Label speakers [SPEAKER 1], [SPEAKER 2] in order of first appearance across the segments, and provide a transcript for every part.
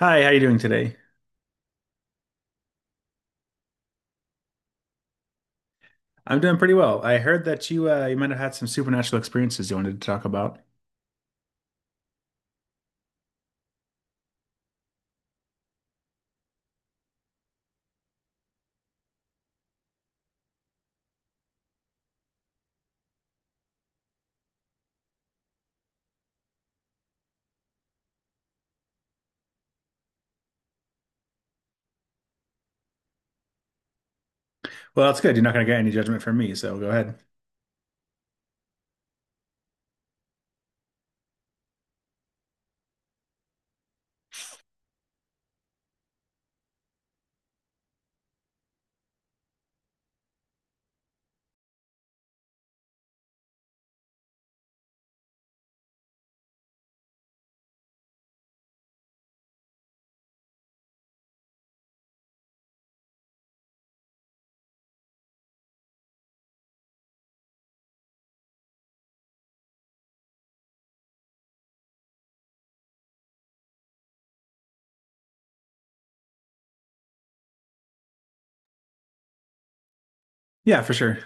[SPEAKER 1] Hi, how are you doing today? I'm doing pretty well. I heard that you might have had some supernatural experiences you wanted to talk about. Well, that's good. You're not going to get any judgment from me, so go ahead. Yeah, for sure.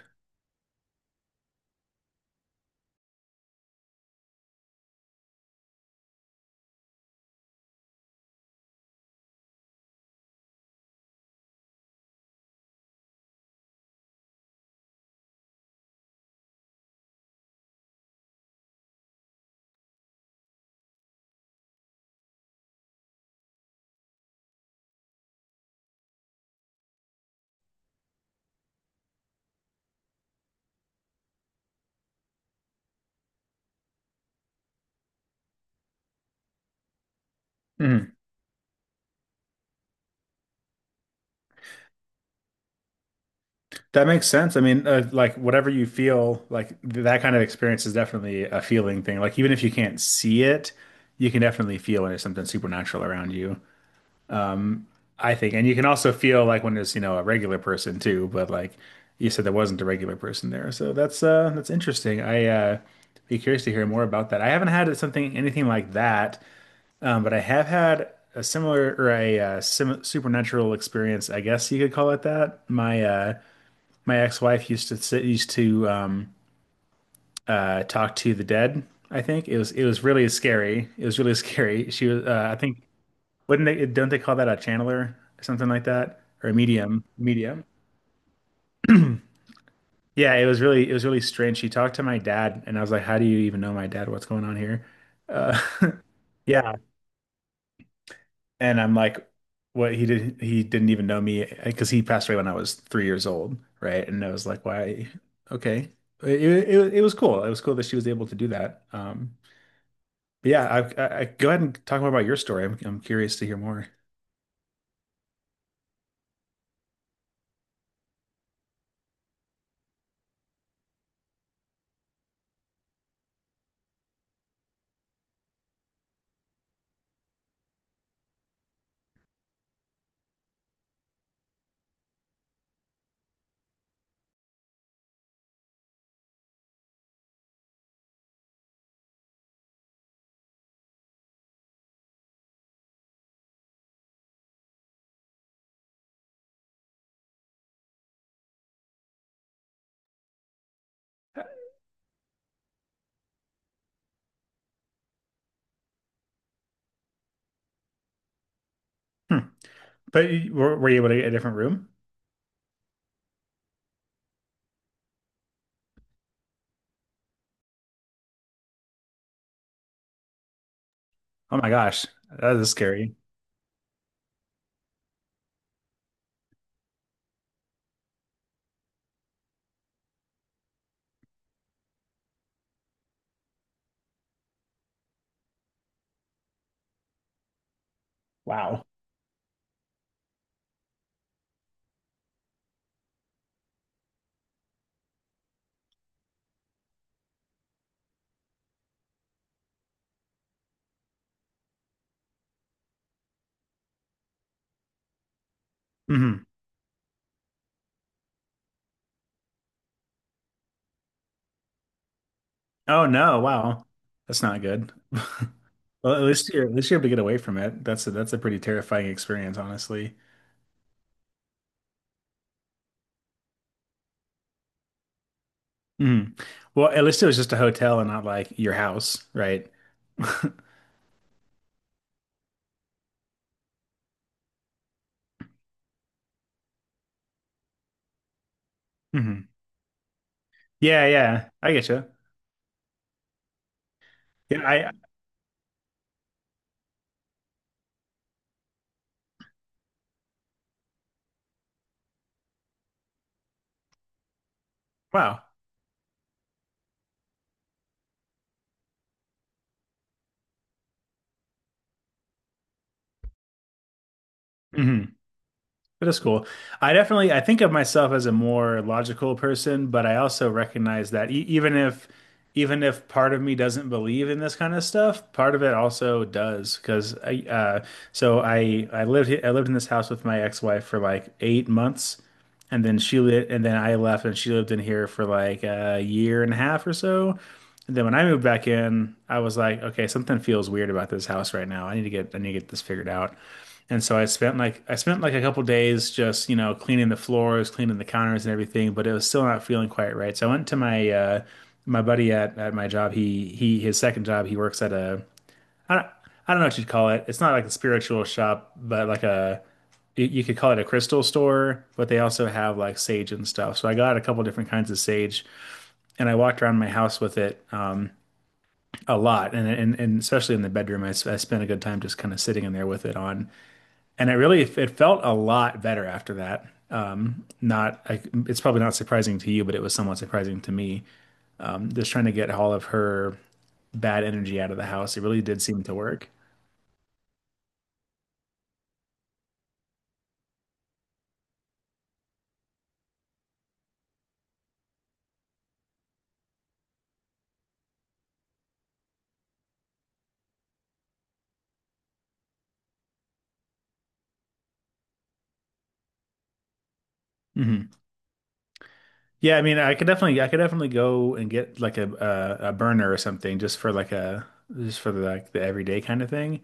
[SPEAKER 1] Mhm. That makes sense. I mean, like whatever you feel, like that kind of experience is definitely a feeling thing. Like even if you can't see it, you can definitely feel when there's something supernatural around you, I think. And you can also feel like when it's, you know, a regular person too, but like you said there wasn't a regular person there. So that's interesting. I' be curious to hear more about that. I haven't had something anything like that, but I have had a similar or a sim supernatural experience, I guess you could call it that. My ex-wife used to talk to the dead, I think. It was really scary. It was really scary. She was I think wouldn't they, don't they call that a channeler or something like that? Or a medium? Medium. Yeah, it was really strange. She talked to my dad and I was like, how do you even know my dad? What's going on here? Uh, yeah. And I'm like, he didn't even know me because he passed away when I was 3 years old. Right. And I was like, why? Okay. It was cool. It was cool that she was able to do that. But yeah, go ahead and talk more about your story. I'm curious to hear more. Hmm. But were you able to get a different room? Oh my gosh, that is scary. Wow. Hmm. Oh no, wow. That's not good. Well, at least you're able to get away from it. That's a pretty terrifying experience, honestly. Hmm. Well, at least it was just a hotel and not like your house, right? Hmm. Yeah, yeah. I get you. Yeah, I wow. Mhm. That is cool. I think of myself as a more logical person, but I also recognize that e even if part of me doesn't believe in this kind of stuff, part of it also does. Because I so I lived in this house with my ex-wife for like 8 months, and then I left, and she lived in here for like a year and a half or so. And then when I moved back in, I was like, okay, something feels weird about this house right now. I need to get this figured out. And so I spent like a couple days just, cleaning the floors, cleaning the counters and everything, but it was still not feeling quite right. So I went to my buddy at my job. He his second job, he works at a, I don't know what you'd call it. It's not like a spiritual shop, but like a you you could call it a crystal store, but they also have like sage and stuff. So I got a couple different kinds of sage and I walked around my house with it a lot, and especially in the bedroom I spent a good time just kind of sitting in there with it on. And it felt a lot better after that. Not I, it's probably not surprising to you, but it was somewhat surprising to me. Just trying to get all of her bad energy out of the house, it really did seem to work. Hmm. Yeah, I mean, I could definitely go and get like a burner or something just for like a just for the, like the everyday kind of thing.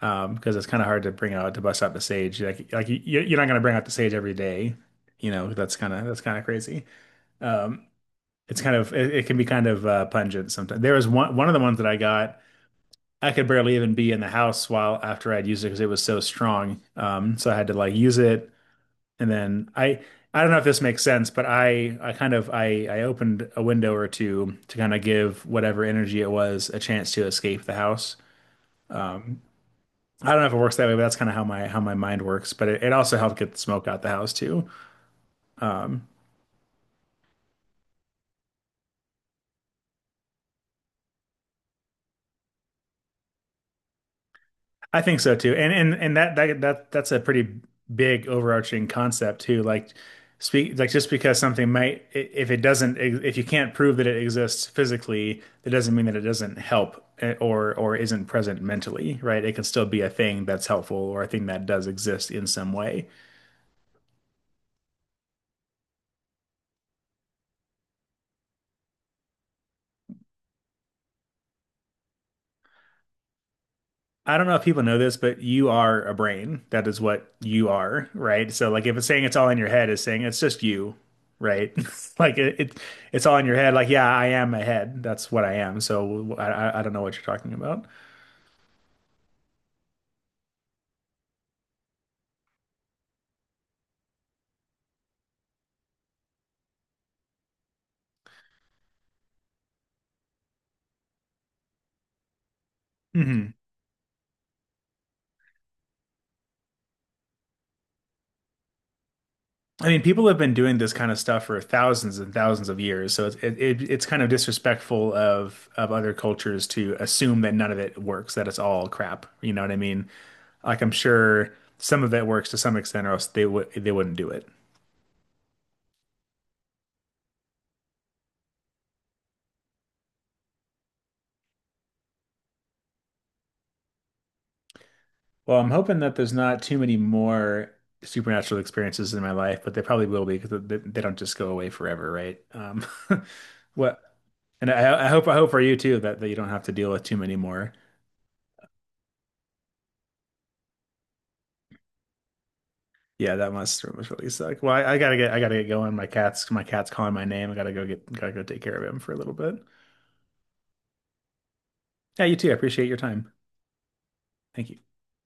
[SPEAKER 1] Because it's kind of hard to bust out the sage. Like you're not gonna bring out the sage every day. You know, that's kind of crazy. Um, it's kind of it can be kind of pungent sometimes. There was one of the ones that I got. I could barely even be in the house while after I'd used it because it was so strong. So I had to like use it, and then I don't know if this makes sense, but I kind of I opened a window or two to kind of give whatever energy it was a chance to escape the house. Um, I don't know if it works that way, but that's kind of how my mind works. But it also helped get the smoke out the house too. Um, I think so too. And that's a pretty big overarching concept too. Like speak like just because something if it doesn't, if you can't prove that it exists physically, that doesn't mean that it doesn't help, eh, or isn't present mentally, right? It can still be a thing that's helpful or a thing that does exist in some way. I don't know if people know this, but you are a brain. That is what you are, right? So like if it's saying it's all in your head, it's saying it's just you, right? Like it's all in your head. Like, yeah, I am a head. That's what I am. So I don't know what you're talking about. Hmm. I mean, people have been doing this kind of stuff for thousands and thousands of years. So it's kind of disrespectful of other cultures to assume that none of it works, that it's all crap. You know what I mean? Like I'm sure some of it works to some extent, or else they wouldn't do it. Well, I'm hoping that there's not too many more supernatural experiences in my life, but they probably will be because they don't just go away forever, right? What? And I hope for you too that you don't have to deal with too many more. Yeah, that must really suck. Well, I gotta get going. My cat's calling my name. I gotta go take care of him for a little bit. Yeah, you too. I appreciate your time. Thank you.